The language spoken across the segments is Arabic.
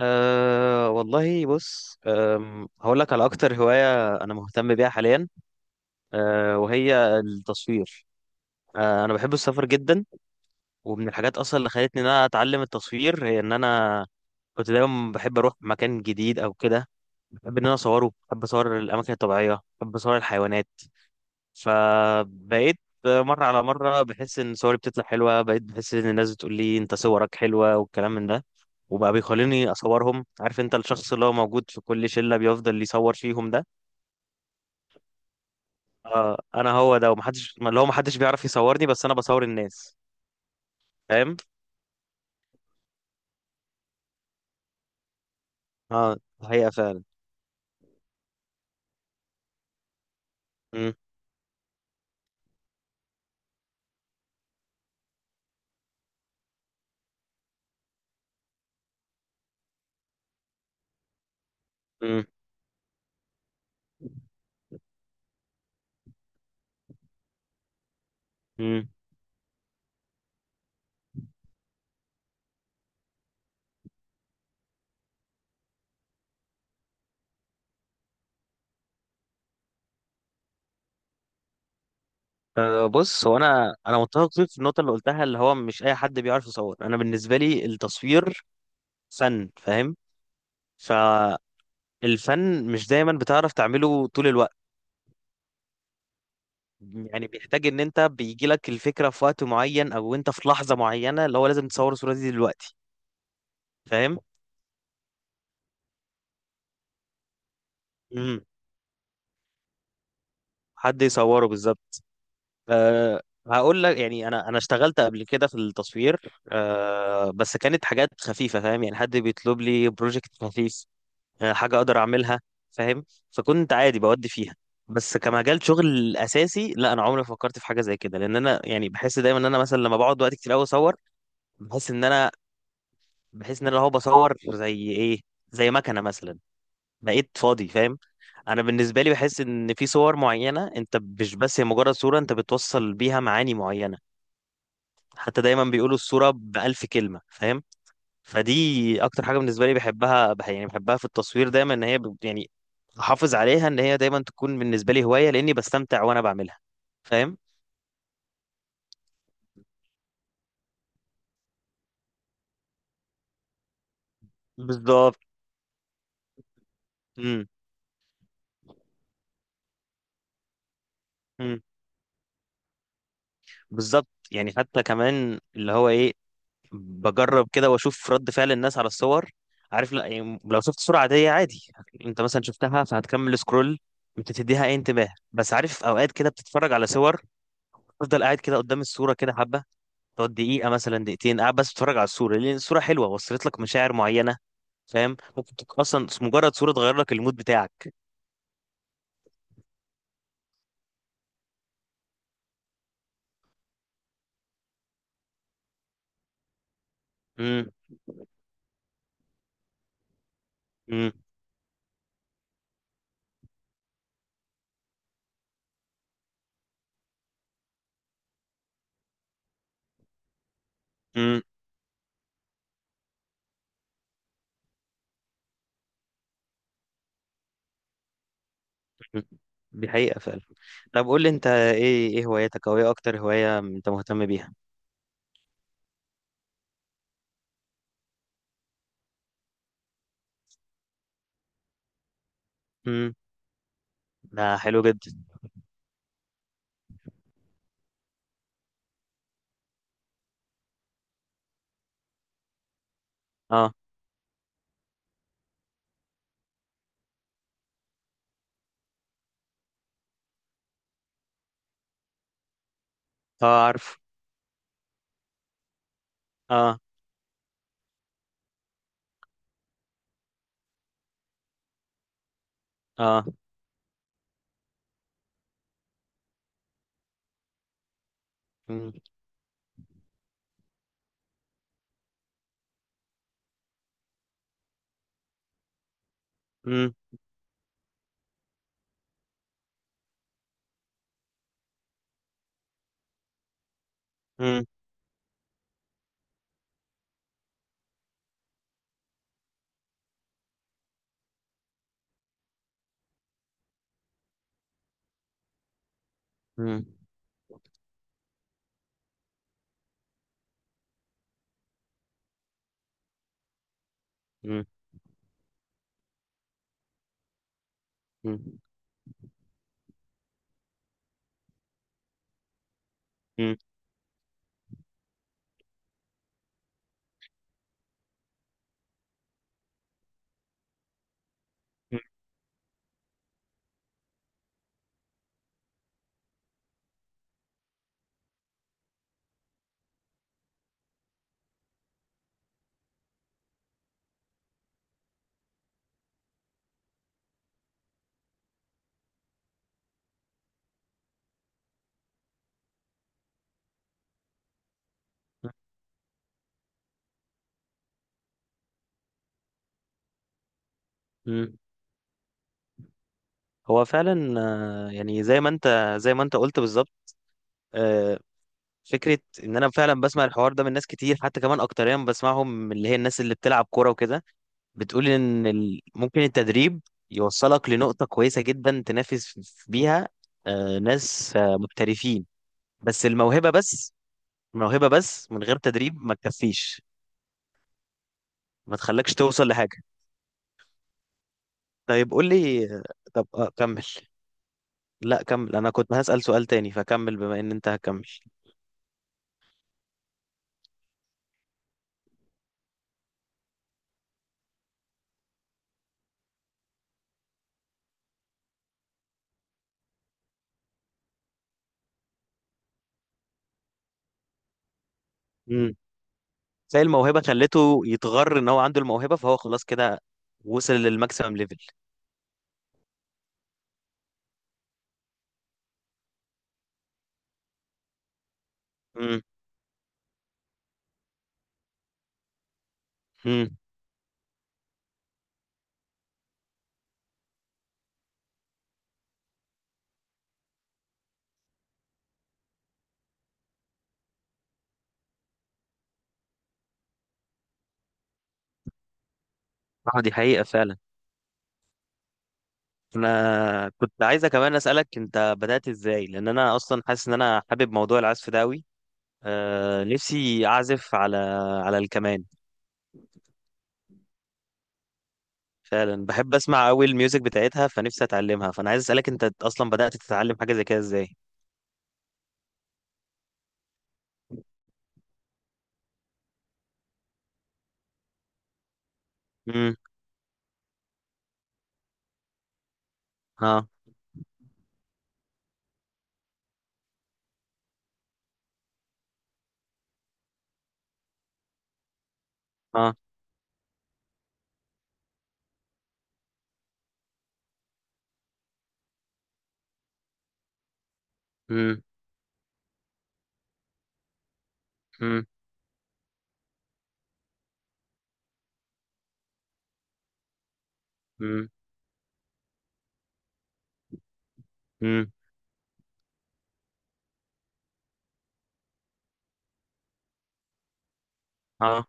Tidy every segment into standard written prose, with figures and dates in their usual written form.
أه والله بص هقول لك على أكتر هواية أنا مهتم بيها حاليا. وهي التصوير. أنا بحب السفر جدا. ومن الحاجات أصلا اللي خلتني إن أنا أتعلم التصوير هي إن أنا كنت دايما بحب أروح مكان جديد أو كده. بحب إن أنا أصوره، بحب أصور الأماكن الطبيعية، بحب أصور الحيوانات. فبقيت مرة على مرة بحس إن صوري بتطلع حلوة، بقيت بحس إن الناس بتقول لي أنت صورك حلوة والكلام من ده. وبقى بيخليني أصورهم. عارف أنت الشخص اللي هو موجود في كل شلة بيفضل يصور فيهم ده. آه، أنا هو ده، ومحدش اللي هو محدش بيعرف يصورني، بس أنا بصور الناس. فاهم؟ آه الحقيقة فعلا. مم، مم، مم. أه بص هو انا متفق فيك في النقطه اللي قلتها، اللي هو مش اي حد بيعرف يصور. انا بالنسبه لي التصوير فن، فاهم. ف الفن مش دايما بتعرف تعمله طول الوقت. يعني بيحتاج ان انت بيجي لك الفكره في وقت معين، او انت في لحظه معينه اللي هو لازم تصور الصوره دي دلوقتي. فاهم. امم حد يصوره بالظبط. أه هقول لك يعني انا اشتغلت قبل كده في التصوير. أه بس كانت حاجات خفيفه، فاهم. يعني حد بيطلب لي بروجكت خفيف، أه حاجه اقدر اعملها. فاهم. فكنت عادي بودي فيها. بس كمجال شغل اساسي لا، انا عمري ما فكرت في حاجه زي كده، لان انا يعني بحس دايما ان انا مثلا لما بقعد وقت كتير قوي اصور، بحس ان انا بحس ان انا هو بصور زي ايه، زي مكنه مثلا، بقيت فاضي. فاهم. انا بالنسبه لي بحس ان في صور معينه، انت مش بس هي مجرد صوره، انت بتوصل بيها معاني معينه. حتى دايما بيقولوا الصوره بألف كلمه، فاهم. فدي اكتر حاجه بالنسبه لي بحبها، يعني بحبها في التصوير. دايما ان هي يعني احافظ عليها ان هي دايما تكون بالنسبه لي هوايه، لاني بستمتع وانا بعملها. فاهم. بالظبط. امم، امم، بالظبط. يعني حتى كمان اللي هو ايه، بجرب كده واشوف رد فعل الناس على الصور. عارف. لا يعني لو شفت صورة عادية، عادي انت مثلا شفتها فهتكمل سكرول، مش هتديها اي انتباه. بس عارف اوقات كده بتتفرج على صور، تفضل قاعد كده قدام الصورة كده حبة، تقعد دقيقة مثلا، دقيقتين قاعد بس بتتفرج على الصورة، لأن الصورة حلوة وصلت لك مشاعر معينة. فاهم. ممكن تكون أصلا مجرد صورة تغير لك المود بتاعك. امم. امم. امم. امم. دي حقيقة فعلا. طب قول لي انت ايه، ايه هواياتك، او ايه اكتر هواية انت مهتم بيها؟ امم. ده حلو جدا. اه. اه عارف. اه. اه. مم، مم، مم، مم، مم، مم، مم، مم. هو فعلا يعني زي ما انت، زي ما انت قلت بالظبط. آه، فكرة ان انا فعلا بسمع الحوار ده من ناس كتير، حتى كمان اكتريا بسمعهم من اللي هي الناس اللي بتلعب كورة وكده، بتقول ان ممكن التدريب يوصلك لنقطة كويسة جدا تنافس بيها ناس محترفين، بس الموهبة بس الموهبة بس من غير تدريب ما تكفيش، ما تخلكش توصل لحاجة. طيب قول لي، طب كمل. لا كمل، انا كنت هسأل سؤال تاني، فكمل بما ان انت هكمل. امم. زي الموهبة خلته يتغر ان هو عنده الموهبة، فهو خلاص كده وصل للماكسيمم ليفل. امم. امم. اه دي حقيقة فعلا. انا كنت عايزة كمان أسألك انت بدأت ازاي، لان انا اصلا حاسس ان انا حابب موضوع العزف ده قوي. آه نفسي اعزف على الكمان. فعلا بحب اسمع قوي الميوزك بتاعتها، فنفسي اتعلمها. فانا عايز أسألك، انت اصلا بدأت تتعلم حاجة زي كده ازاي؟ امم. اه. اه. مم. مم. مم. مم. اه.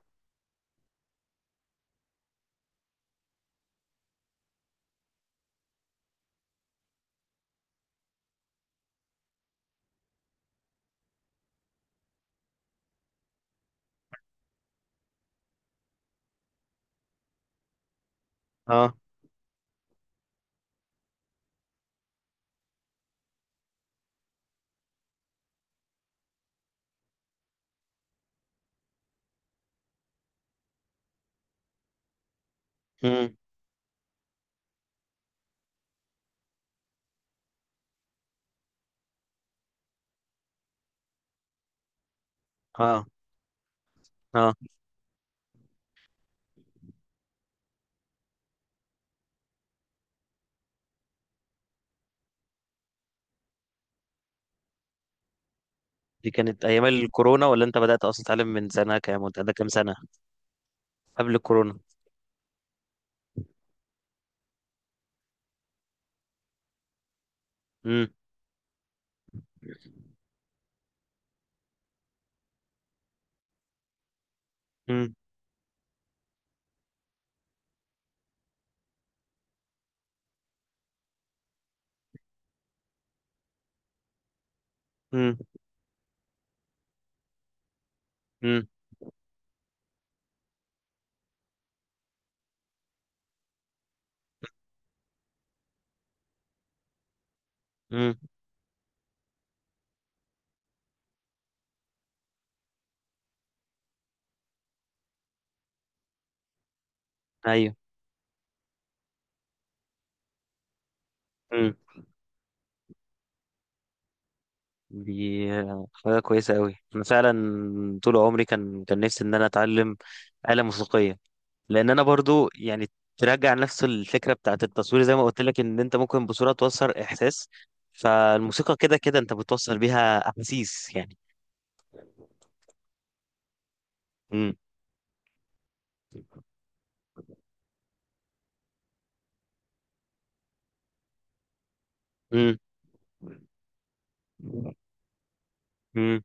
اه. مم. اه. اه دي كانت ايام الكورونا، ولا انت بدأت اصلا تتعلم من سنة كام، وانت عندك كام سنة؟ قبل الكورونا. مم. مم. مم. مم. مم. ايوه. مم. دي حاجة كويسة قوي. انا فعلا طول عمري كان نفسي ان انا اتعلم آلة موسيقية، لان انا برضو يعني ترجع نفس الفكرة بتاعت التصوير. زي ما قلت لك ان انت ممكن بصورة توصل احساس، فالموسيقى كده كده انت بتوصل بيها احاسيس. مم. مم. مم.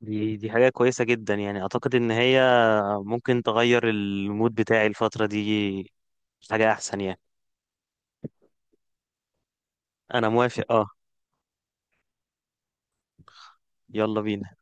دي حاجة كويسة جدا. يعني أعتقد إن هي ممكن تغير المود بتاعي الفترة دي، حاجة أحسن يعني. أنا موافق أه. يلا بينا.